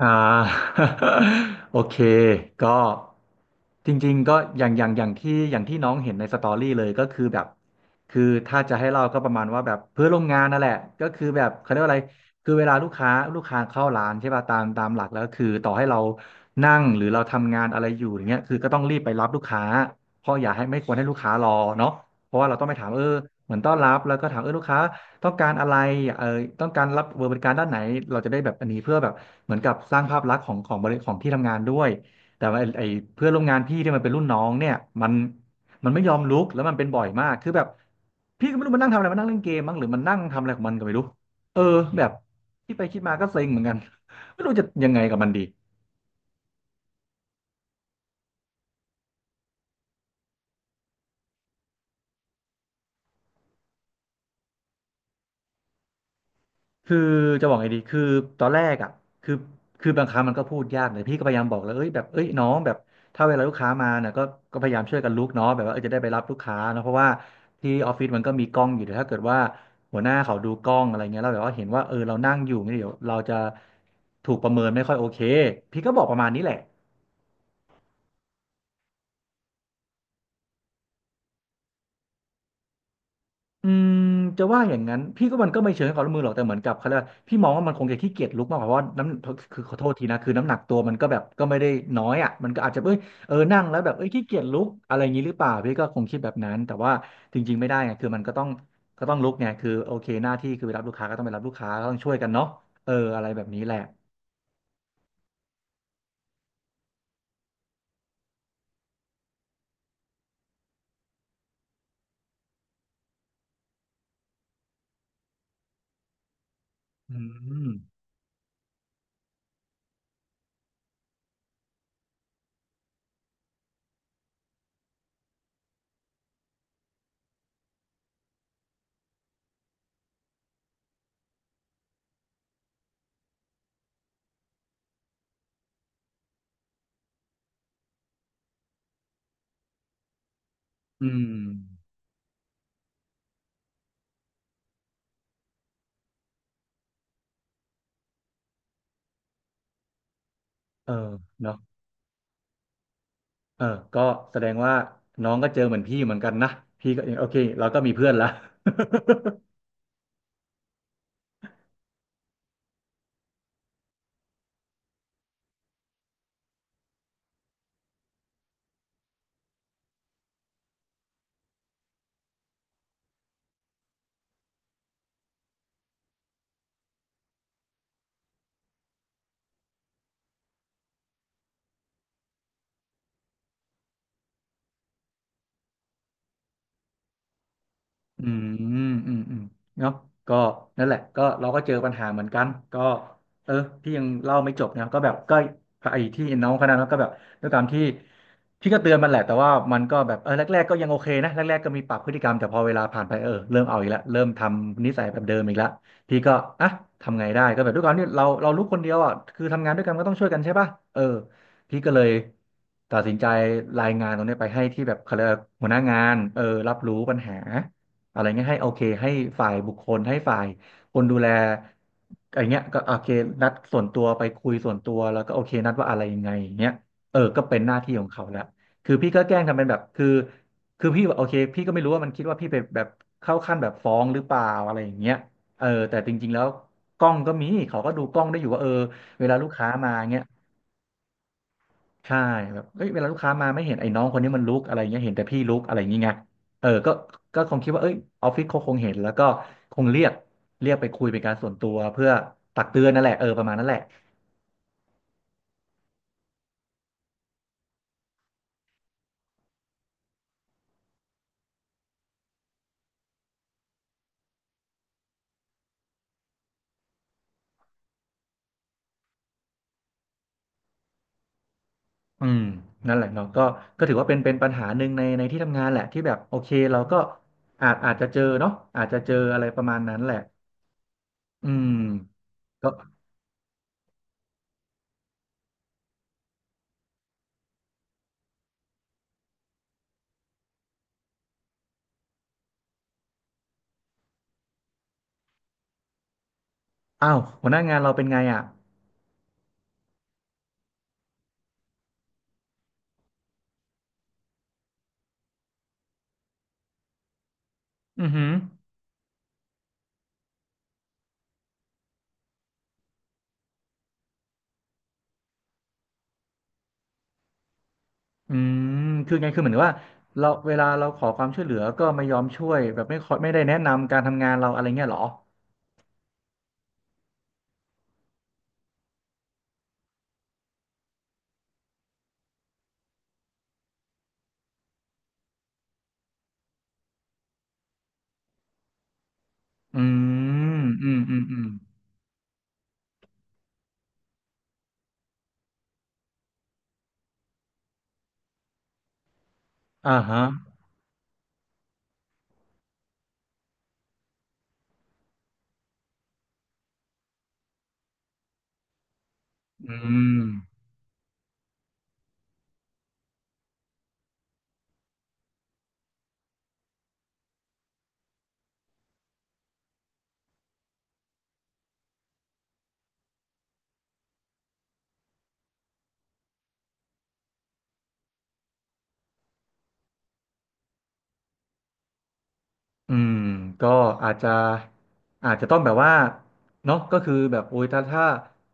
อ่า โอเคก็จริงๆก็อย่างอย่างอย่างที่อย่างที่น้องเห็นในสตอรี่เลยก็คือแบบคือถ้าจะให้เราก็ประมาณว่าแบบเพื่อนร่วมงานนั่นแหละก็คือแบบเขาเรียกว่าอะไรคือเวลาลูกค้าเข้าร้านใช่ป่ะตามหลักแล้วคือต่อให้เรานั่งหรือเราทำงานอะไรอยู่อย่างเงี้ยคือก็ต้องรีบไปรับลูกค้าเพราะอย่าให้ไม่ควรให้ลูกค้ารอเนาะเพราะว่าเราต้องไปถามเหมือนต้อนรับแล้วก็ถามลูกค้า ต้องการอะไรเออต้องการรับบริการด้านไหนเราจะได้แบบอันนี้เพื่อแบบเหมือนกับสร้างภาพลักษณ์ของของบริของที่ทำงานด้วยแต่ว่าไอ้เพื่อนร่วมงานพี่ที่มันเป็นรุ่นน้องเนี่ยมันมันไม่ยอมลุกแล้วมันเป็นบ่อยมากคือแบบพี่ก็ไม่รู้มันนั่งทำอะไรมันนั่งเล่นเกมมั้งหรือมันนั่งทำอะไรของมันก็ไม่รู้เออแบบที่ไปคิดมาก็เซ็งเหมือนกัน ไม่รู้จะยังไงกับมันดี คือจะบอกไงดี คือตอนแรกอ่ะ คือคือบางครั้งมันก็พูดยากเลยพี่ก็พยายามบอกแล้วเอ้ยแบบเอ้ยน้องแบบถ้าเวลาลูกค้ามาเนี่ยก็ก็พยายามช่วยกันลุกเนาะแบบว่าเออจะได้ไปรับลูกค้าเนาะเพราะว่าที่ออฟฟิศมันก็มีกล้องอยู่เดี๋ยวถ้าเกิดว่าหัวหน้าเขาดูกล้องอะไรเงี้ยแล้วแบบว่าเห็นว่าเออเรานั่งอยู่เนี่ยเดี๋ยวเราจะถูกประเมินไม่ค่อยโอเค พี่ก็บอกประมาณนี้แหละ อืมจะว่าอย่างนั้นพี่ก็มันก็ไม่เชิงให้ความร่วมมือหรอกแต่เหมือนกับเขาเรียกว่าพี่มองว่ามันคงจะขี้เกียจลุกมากกว่าเพราะว่าน้ำคือขอโทษทีนะคือน้ำหนักตัวมันก็แบบก็ไม่ได้น้อยอ่ะมันก็อาจจะเอ้ยเออนั่งแล้วแบบเอ้ยขี้เกียจลุกอะไรอย่างนี้หรือเปล่าพี่ก็คงคิดแบบนั้นแต่ว่าจริงๆไม่ได้ไงคือมันก็ต้องก็ต้องลุกไงคือโอเคหน้าที่คือไปรับลูกค้าก็ต้องไปรับลูกค้าก็ต้องช่วยกันเนาะเอออะไรแบบนี้แหละอืมอืมเออเนาะเออก็แสดงว่าน้องก็เจอเหมือนพี่เหมือนกันนะพี่ก็โอเคเราก็มีเพื่อนละ อืมอืมอืมเนาะก็นั่นแหละก็เราก็เจอปัญหาเหมือนกันก็เออพี่ยังเล่าไม่จบนะก็แบบก็ไอ้ที่น้องคนนั้นก็แบบด้วยความที่พี่ก็เตือนมันแหละแต่ว่ามันก็แบบเออแรกๆก็ยังโอเคนะแรกๆก็มีปรับพฤติกรรมแต่พอเวลาผ่านไปเออเริ่มเอาอีกแล้วเริ่มทำนิสัยแบบเดิมอีกแล้วพี่ก็อ่ะทำไงได้ก็แบบด้วยความที่เราเราลูกคนเดียวอ่ะคือทำงานด้วยกันก็ต้องช่วยกันใช่ป่ะเออพี่ก็เลยตัดสินใจรายงานตรงนี้ไปให้ที่แบบเขาเรียกว่าหัวหน้างานเออรับรู้ปัญหา อะไรเงี้ยให้โอเคให้ฝ่ายบุคคลให้ฝ่ายคนดูแลอะไรเงี้ยก็โอเคนัดส่วนตัวไปคุยส่วนตัวแล้วก็โอเคนัดว่าอะไรยังไงอย่างเงี้ยเออก็เป็นหน้าที่ของเขาแล้วคือพี่ก็แกล้งทำเป็นแบบคือคือพี่แบบโอเคพี่ก็ไม่รู้ว่ามันคิดว่าพี่ไปแบบเข้าขั้นแบบฟ้องหรือเปล่าอะไรอย่างเงี้ยเออแต่จริงๆแล้วกล้องก็มีเขาก็ดูกล้องได้อยู่ว่าเออเวลาลูกค้ามาเงี้ย ใช่แบบเอ้ยเวลาลูกค้ามาไม่เห็นไอ้น้องคนนี้มันลุกอะไรเงี้ยเห็นแต่พี่ลุกอะไรอย่างเงี้ยเออก็ก็คงคิดว่าเอ้ยออฟฟิศเขาคงเห็นแล้วก็คงเรียกเรียกไปคุยเป็นการส่วนตัวเพื่อตักเตือนนั่นแหละเออประมาณนั้นแหละอืมนั่นแหละเนาะก็ก็ถือว่าเป็นเป็นปัญหาหนึ่งในในที่ทำงานแหละที่แบบโอเคเราก็อาจอาจจะเจอเนาะอาจจะเจออะไรประมาณนั้นแหละอืมก็อ้าวหัวหน้างานเราเป็นไงอ่ะอือหือ อืมคือไงคือเหมือนว่าเราเวลาเราขอความช่วยเหลือก็ไม่ยอมช่วยแบบไม่ขอไม่ได้แนะนำการทำงานเราอะไรเงี้ยเหรออืมอืมอืมอืมอ่าฮะอืม อืมก็อาจจะอาจจะต้องแบบว่าเนาะก็คือแบบโอ้ยถ้า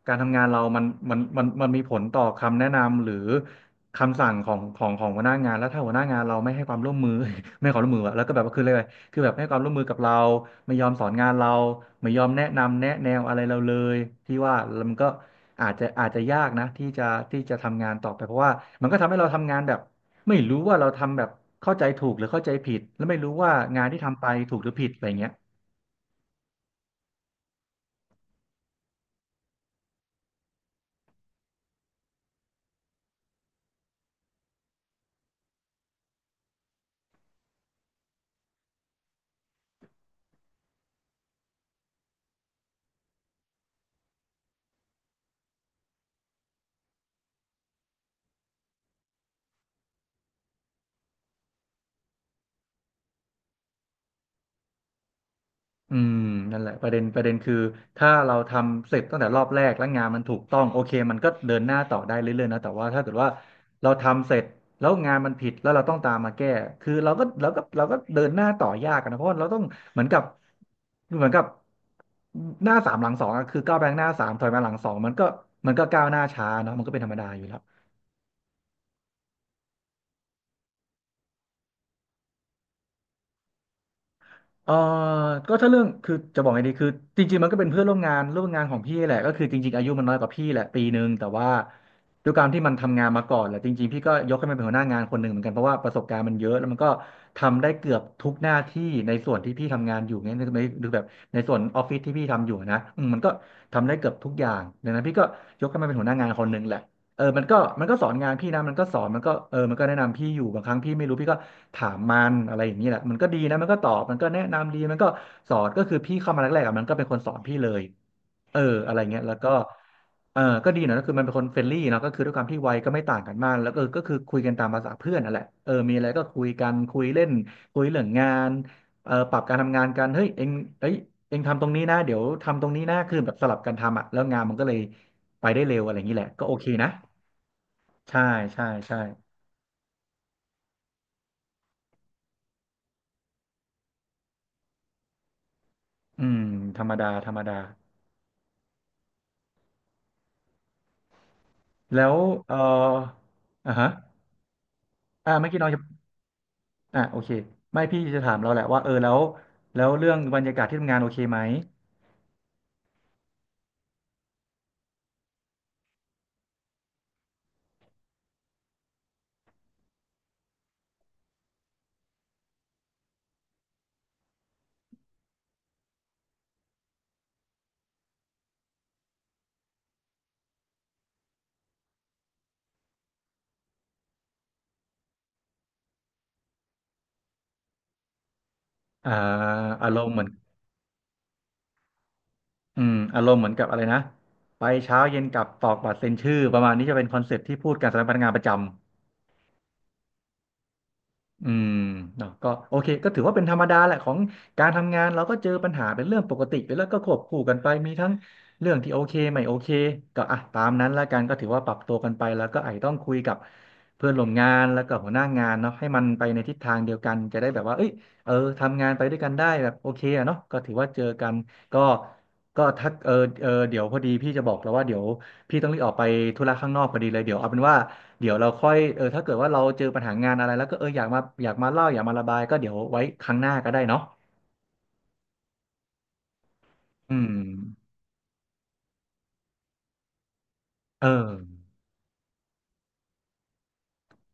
การทำงานเรามันมีผลต่อคำแนะนำหรือคำสั่งของหัวหน้างานแล้วถ้าหัวหน้างานเราไม่ให้ความร่วมมือ ไม่ให้ความร่วมมืออะแล้วก็แบบว่าคืออะไรคือแบบไม่ให้ความร่วมมือกับเราไม่ยอมสอนงานเราไม่ยอมแนะนำแนะแนวอะไรเราเลยที่ว่ามันก็อาจจะยากนะที่จะที่จะทำงานต่อไปเพราะว่ามันก็ทำให้เราทำงานแบบ ไม่รู้ว่าเราทำแบบเข้าใจถูกหรือเข้าใจผิดแล้วไม่รู้ว่างานที่ทำไปถูกหรือผิดอะไรเงี้ยอืมนั่นแหละประเด็นคือถ้าเราทำเสร็จตั้งแต่รอบแรกแล้วงานมันถูกต้องโอเคมันก็เดินหน้าต่อได้เรื่อยๆนะแต่ว่าถ้าเกิดว่าเราทำเสร็จแล้วงานมันผิดแล้วเราต้องตามมาแก้คือเราก็เดินหน้าต่อยากอะนะเพราะว่าเราต้องเหมือนกับเหมือนกับหน้าสามหลังสองอะคือก้าวไปข้างหน้าสามถอยมาหลังสองมันก็มันก็ก้าวหน้าช้าเนาะมันก็เป็นธรรมดาอยู่แล้ว เออก็ถ้าเรื่องคือจะบอกไงดีคือจริงๆมันก็เป็นเพื่อนร่วมงานของพี่แหละก็คือจริงๆอายุมันน้อยกว่าพี่แหละปีหนึ่งแต่ว่าด้วยการที่มันทำงานมาก่อนแหละจริงๆพี่ก็ยกให้มันเป็นหัวหน้างานคนหนึ่งเหมือนกันเพราะว่าประสบการณ์มันเยอะแล้วมันก็ทำได้เกือบทุกหน้าที่ในส่วนที่พี่ทำงานอยู่เนี้ยในหรือแบบในส่วนออฟฟิศที่พี่ทำอยู่นะอืมมันก็ทำได้เกือบทุกอย่างดังนั้นพี่ก็ยกให้มันเป็นหัวหน้างานคนหนึ่งแหละ เออมันก็มันก็สอนงานพี่นะมันก็สอนมันก็มันก็แนะนำพี่อยู่บางครั้งพี่ไม่รู้พี่ก็ถามมันอะไรอย่างนี้แหละมันก็ดีนะมันก็ตอบมันก็แนะนำดีมันก็สอนก็คือพี่เข้ามาแรกๆอะมันก็เป็นคนสอนพี่เลยเอออะไรเงี้ยแล้วก็เออก็ดีนะก็คือมันเป็นคนเฟรนลี่เนาะก็คือด้วยความที่วัยก็ไม่ต่างกันมากแล้วก็ก็คือคุยกันตามภาษาเพื่อนนั่นแหละเออมีอะไรก็คุยกันคุยเล่นคุยเรื่องงานเออปรับการทำงานกันเฮ้ยเอ็งเอ้ยเอ็งทำตรงนี้นะเดี๋ยวทำตรงนี้นะคือแบบสลับกันทำอะแล้วงานมันก็เลยไปได้เร็วอะไรอย่างนี้แหละก็โอเคนะ ใช่ใช่ใช่อืมธรรมดา แล้วเอ่ออ่ะฮะอ่าเมื่อกี้น้องจะอ่ะโอเคไม่พี่จะถามเราแหละว่าเออแล้วแล้วเรื่องบรรยากาศที่ทำงานโอเคไหมอ่าอารมณ์เหมือนอืมอารมณ์เหมือนกับอะไรนะ ไปเช้าเย็นกลับตอกบัตรเซ็นชื่อ ประมาณนี้จะเป็นคอนเซ็ปต์ที่พูดกันสำหรับพนักงานประจำ อืมเนาะก็โอเคก็ถือว่าเป็นธรรมดาแหละของการทำงานเราก็เจอปัญหาเป็นเรื่องปกติไปแล้วก็ควบคู่กันไปมีทั้งเรื่องที่โอเคไม่โอเคก็อ่ะตามนั้นละกันก็ถือว่าปรับตัวกันไปแล้วก็ไอต้องคุยกับเพื่อนร่วมงานแล้วก็หัวหน้างานเนาะให้มันไปในทิศทางเดียวกันจะได้แบบว่าเอ้ยเออทำงานไปด้วยกันได้แบบโอเคอะเนาะก็ถือว่าเจอกันก็ก็ทักเออเออเดี๋ยวพอดีพี่จะบอกแล้วว่าเดี๋ยวพี่ต้องรีบออกไปธุระข้างนอกพอดีเลยเดี๋ยวเอาเป็นว่า เดี๋ยวเราค่อยเออถ้าเกิดว่าเราเจอปัญหางานอะไรแล้วก็อยากมาเล่าอยากมาระบายก็เดี๋ยวไว้ครั้งหน้าก็ได้เนาะอืมเออ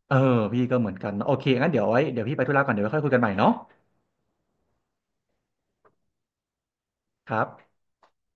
เออพี่ก็เหมือนกันเนอะโอเคงั้นเดี๋ยวไว้เดี๋ยวพี่ไปธุระก่อน เดี๋ยวไว้ค่อยคุยกันใหม่เนาะครับ